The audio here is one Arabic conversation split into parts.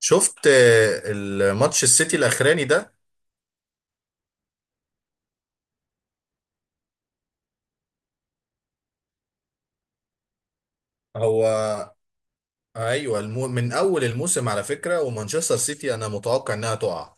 شفت الماتش السيتي الاخراني ده. هو، ايوه، من اول الموسم، على فكره، ومانشستر سيتي انا متوقع انها تقع.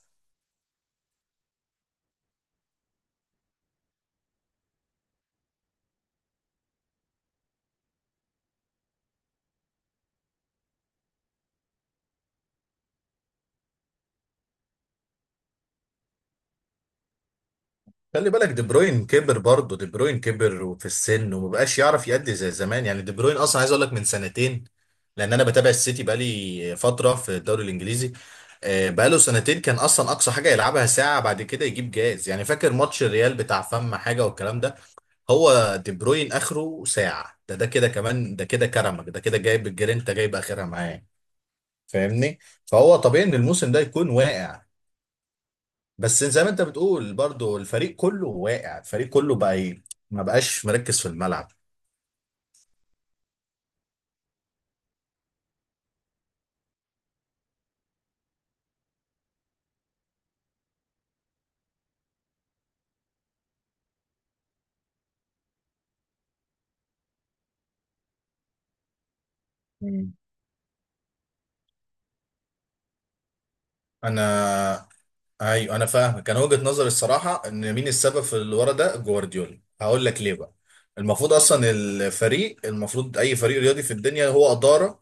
خلي بالك، دي بروين كبر، برضه دي بروين كبر وفي السن، ومبقاش يعرف يأدي زي زمان، يعني دي بروين اصلا عايز اقول لك من سنتين، لان انا بتابع السيتي بقالي فتره في الدوري الانجليزي. بقاله سنتين كان اصلا اقصى حاجه يلعبها ساعه، بعد كده يجيب جاز، يعني فاكر ماتش الريال بتاع فم حاجه والكلام ده. هو دي بروين اخره ساعه، ده كده، كمان ده كده، كرمك ده كده، جايب الجرينتا، جايب اخرها معاه. فاهمني؟ فهو طبيعي ان الموسم ده يكون واقع. بس زي ما انت بتقول، برضو الفريق كله واقع، الفريق كله بقى ايه؟ ما بقاش مركز في الملعب. مم. انا ايوه، انا فاهم. كان وجهة نظري الصراحه ان مين السبب في اللي ورا ده؟ جوارديولا، هقول لك ليه بقى. المفروض اصلا الفريق المفروض اي فريق رياضي في الدنيا هو اداره،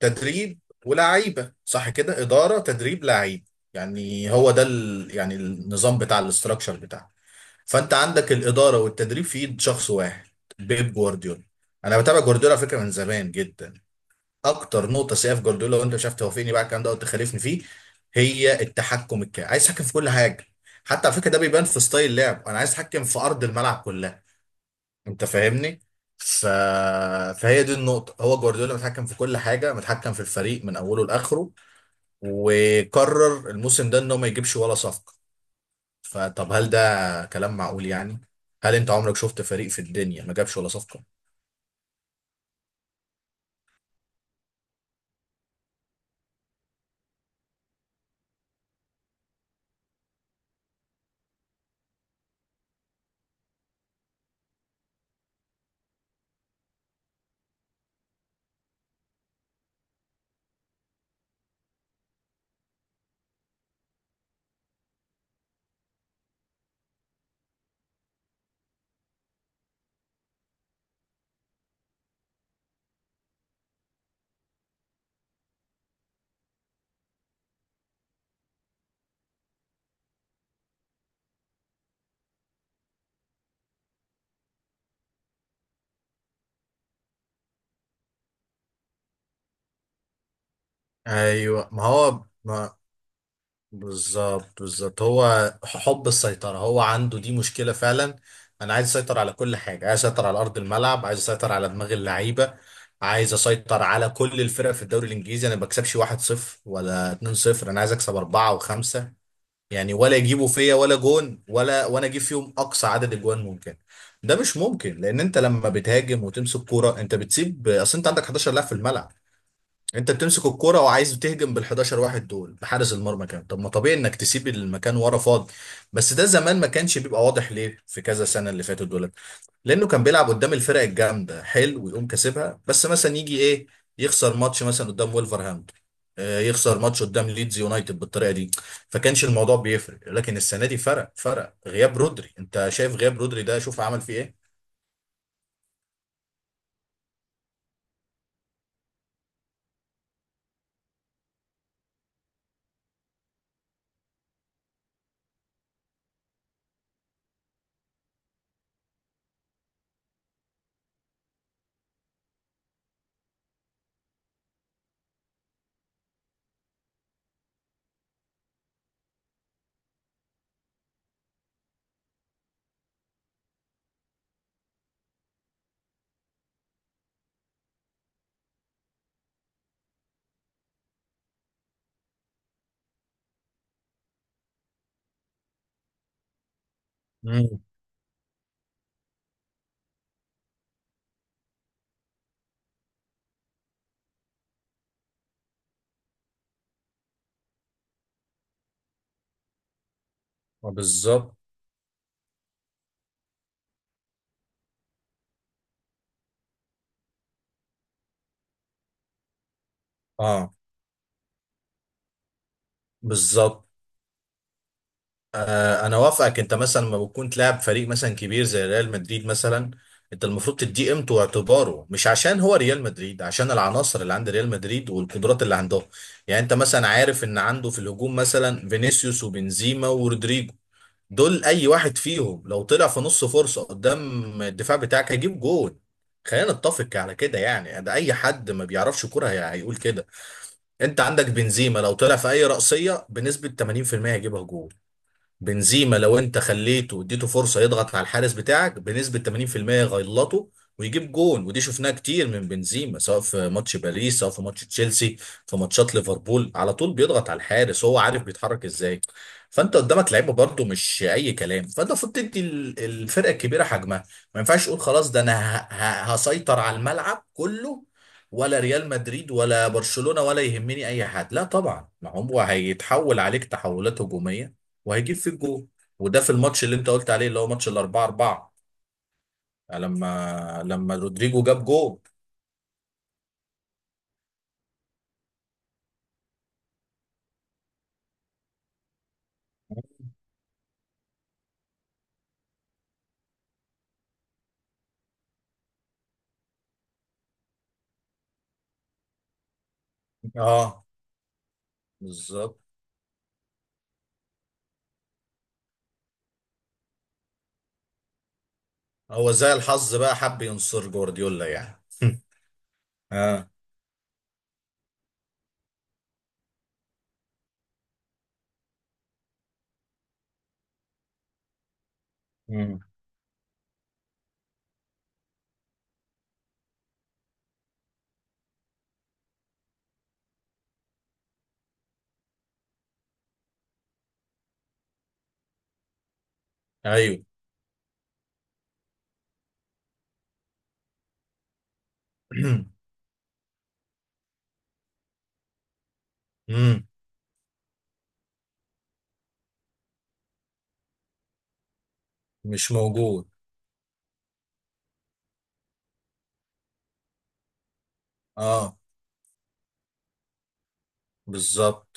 تدريب، ولاعيبه. صح كده؟ اداره، تدريب، لعيب. يعني هو ده يعني النظام بتاع الاستراكشر بتاعه. فانت عندك الاداره والتدريب في ايد شخص واحد، بيب جوارديولا. انا بتابع جوارديولا على فكره من زمان جدا. اكتر نقطه سيئه في جوارديولا، وانت شفت توافقني بقى على الكلام ده وتخالفني فيه، هي التحكم الكامل. عايز يتحكم في كل حاجه، حتى على فكره ده بيبان في ستايل لعب، انا عايز اتحكم في ارض الملعب كلها. انت فاهمني؟ ف... فهي دي النقطة. هو جوارديولا متحكم في كل حاجة، متحكم في الفريق من أوله لآخره، وقرر الموسم ده إنه ما يجيبش ولا صفقة. فطب هل ده كلام معقول يعني؟ هل أنت عمرك شفت فريق في الدنيا ما جابش ولا صفقة؟ ايوه، ما هو ما بالظبط، بالظبط. هو حب السيطرة، هو عنده دي مشكلة فعلا. أنا عايز أسيطر على كل حاجة، عايز أسيطر على أرض الملعب، عايز أسيطر على دماغ اللعيبة، عايز أسيطر على كل الفرق في الدوري الإنجليزي. أنا ما بكسبش 1-0 ولا 2-0. أنا عايز أكسب أربعة وخمسة، يعني ولا يجيبوا فيا ولا جون، ولا وأنا أجيب فيهم أقصى عدد أجوان ممكن. ده مش ممكن، لأن أنت لما بتهاجم وتمسك كورة أنت بتسيب. أصل أنت عندك 11 لاعب في الملعب، انت بتمسك الكرة وعايز تهجم بال 11 واحد دول بحارس المرمى كان طب ما طبيعي انك تسيب المكان ورا فاضي. بس ده زمان ما كانش بيبقى واضح ليه، في كذا سنة اللي فاتت دولت، لانه كان بيلعب قدام الفرق الجامدة حلو ويقوم كاسبها. بس مثلا يجي ايه، يخسر ماتش مثلا قدام وولفرهامبتون، يخسر ماتش قدام ليدز يونايتد بالطريقة دي، فكانش الموضوع بيفرق. لكن السنة دي فرق، فرق غياب رودري. انت شايف غياب رودري ده شوف عمل فيه ايه. مم. بالظبط. اه، بالظبط. انا وافقك. انت مثلا لما بتكون تلاعب فريق مثلا كبير زي ريال مدريد مثلا، انت المفروض تديه قيمته واعتباره. مش عشان هو ريال مدريد، عشان العناصر اللي عند ريال مدريد والقدرات اللي عندهم. يعني انت مثلا عارف ان عنده في الهجوم مثلا فينيسيوس وبنزيما ورودريجو، دول اي واحد فيهم لو طلع في نص فرصة قدام الدفاع بتاعك هيجيب جول. خلينا نتفق على كده يعني، ده اي حد ما بيعرفش كرة هيقول كده. انت عندك بنزيما لو طلع في اي رأسية بنسبة 80% هيجيبها جول. بنزيما لو انت خليته واديته فرصه يضغط على الحارس بتاعك بنسبه 80% يغلطه ويجيب جون. ودي شفناها كتير من بنزيما، سواء في ماتش باريس، سواء في ماتش تشيلسي، في ماتشات ليفربول على طول بيضغط على الحارس، هو عارف بيتحرك ازاي. فانت قدامك لعيبه برضو مش اي كلام، فانت المفروض تدي الفرقه الكبيره حجمها. ما ينفعش تقول خلاص ده انا هسيطر على الملعب كله، ولا ريال مدريد ولا برشلونه ولا يهمني اي حد. لا طبعا، ما هو هيتحول عليك تحولات هجوميه وهيجيب فيك جول. وده في الماتش اللي انت قلت عليه، اللي هو ماتش الاربعة اربعة، لما رودريجو جاب جول. اه، بالظبط. هو زي الحظ بقى حب ينصر جوارديولا يعني اه. مم. ايوه. مم. مش موجود. اه، بالظبط.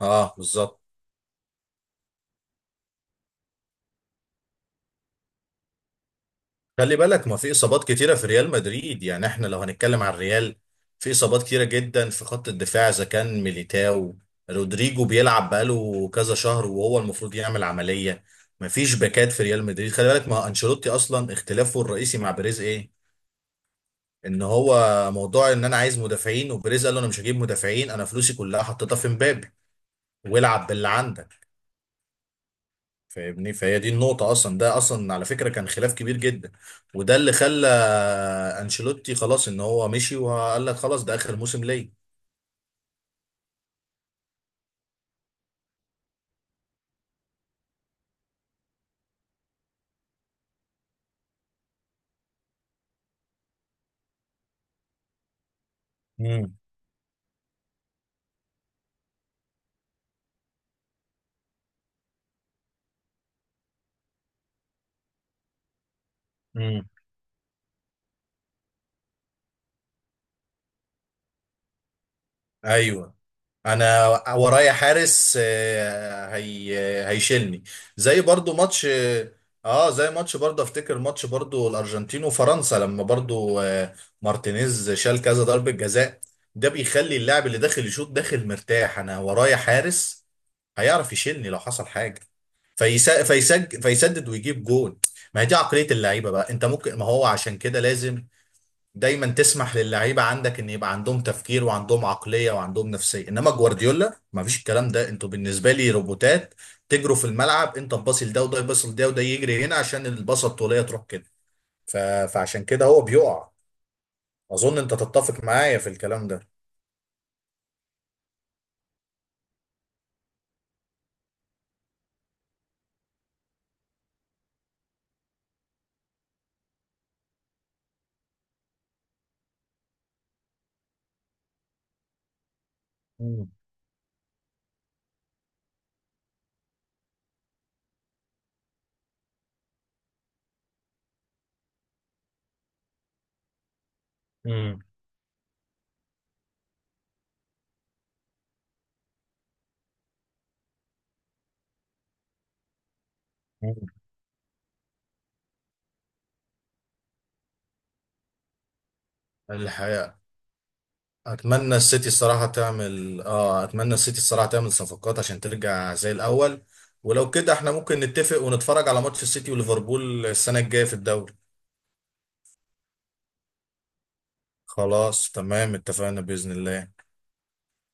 اه، بالظبط. خلي بالك ما في اصابات كتيره في ريال مدريد، يعني احنا لو هنتكلم عن الريال، في اصابات كتيره جدا في خط الدفاع. اذا كان ميليتاو، رودريجو بيلعب بقاله كذا شهر وهو المفروض يعمل عمليه. ما فيش باكات في ريال مدريد. خلي بالك ما انشيلوتي اصلا اختلافه الرئيسي مع بيريز ايه؟ ان هو موضوع ان انا عايز مدافعين، وبيريز قال له انا مش هجيب مدافعين، انا فلوسي كلها حطيتها في مبابي والعب باللي عندك. فاهمني؟ فهي دي النقطة أصلا. ده أصلا على فكرة كان خلاف كبير جدا، وده اللي خلى أنشيلوتي خلاص إن هو مشي وقال لك خلاص ده آخر موسم ليا. امم. امم. ايوه. انا ورايا حارس. آه، هي هيشيلني. زي برضو ماتش اه زي ماتش برضو افتكر ماتش برضو الارجنتين وفرنسا لما برضو مارتينيز شال كذا ضربة جزاء. ده بيخلي اللاعب اللي داخل يشوط داخل مرتاح، انا ورايا حارس هيعرف يشيلني لو حصل حاجة، فيسا- فيسج فيسدد ويجيب جون. ما هي دي عقلية اللعيبة بقى. انت ممكن ما هو عشان كده لازم دايما تسمح للعيبة عندك ان يبقى عندهم تفكير وعندهم عقلية وعندهم نفسية. انما جوارديولا ما فيش الكلام ده، انتوا بالنسبة لي روبوتات، تجروا في الملعب، انت تباصي لده وده يباصي لده وده يجري هنا عشان الباصة الطولية تروح كده. ف... فعشان كده هو بيقع. اظن انت تتفق معايا في الكلام ده. مم. مم. مم. الحقيقة، اتمنى السيتي الصراحه تعمل صفقات عشان ترجع زي الاول. ولو كده احنا ممكن نتفق ونتفرج على ماتش السيتي وليفربول السنه الجايه في الدوري. خلاص تمام، اتفقنا باذن الله.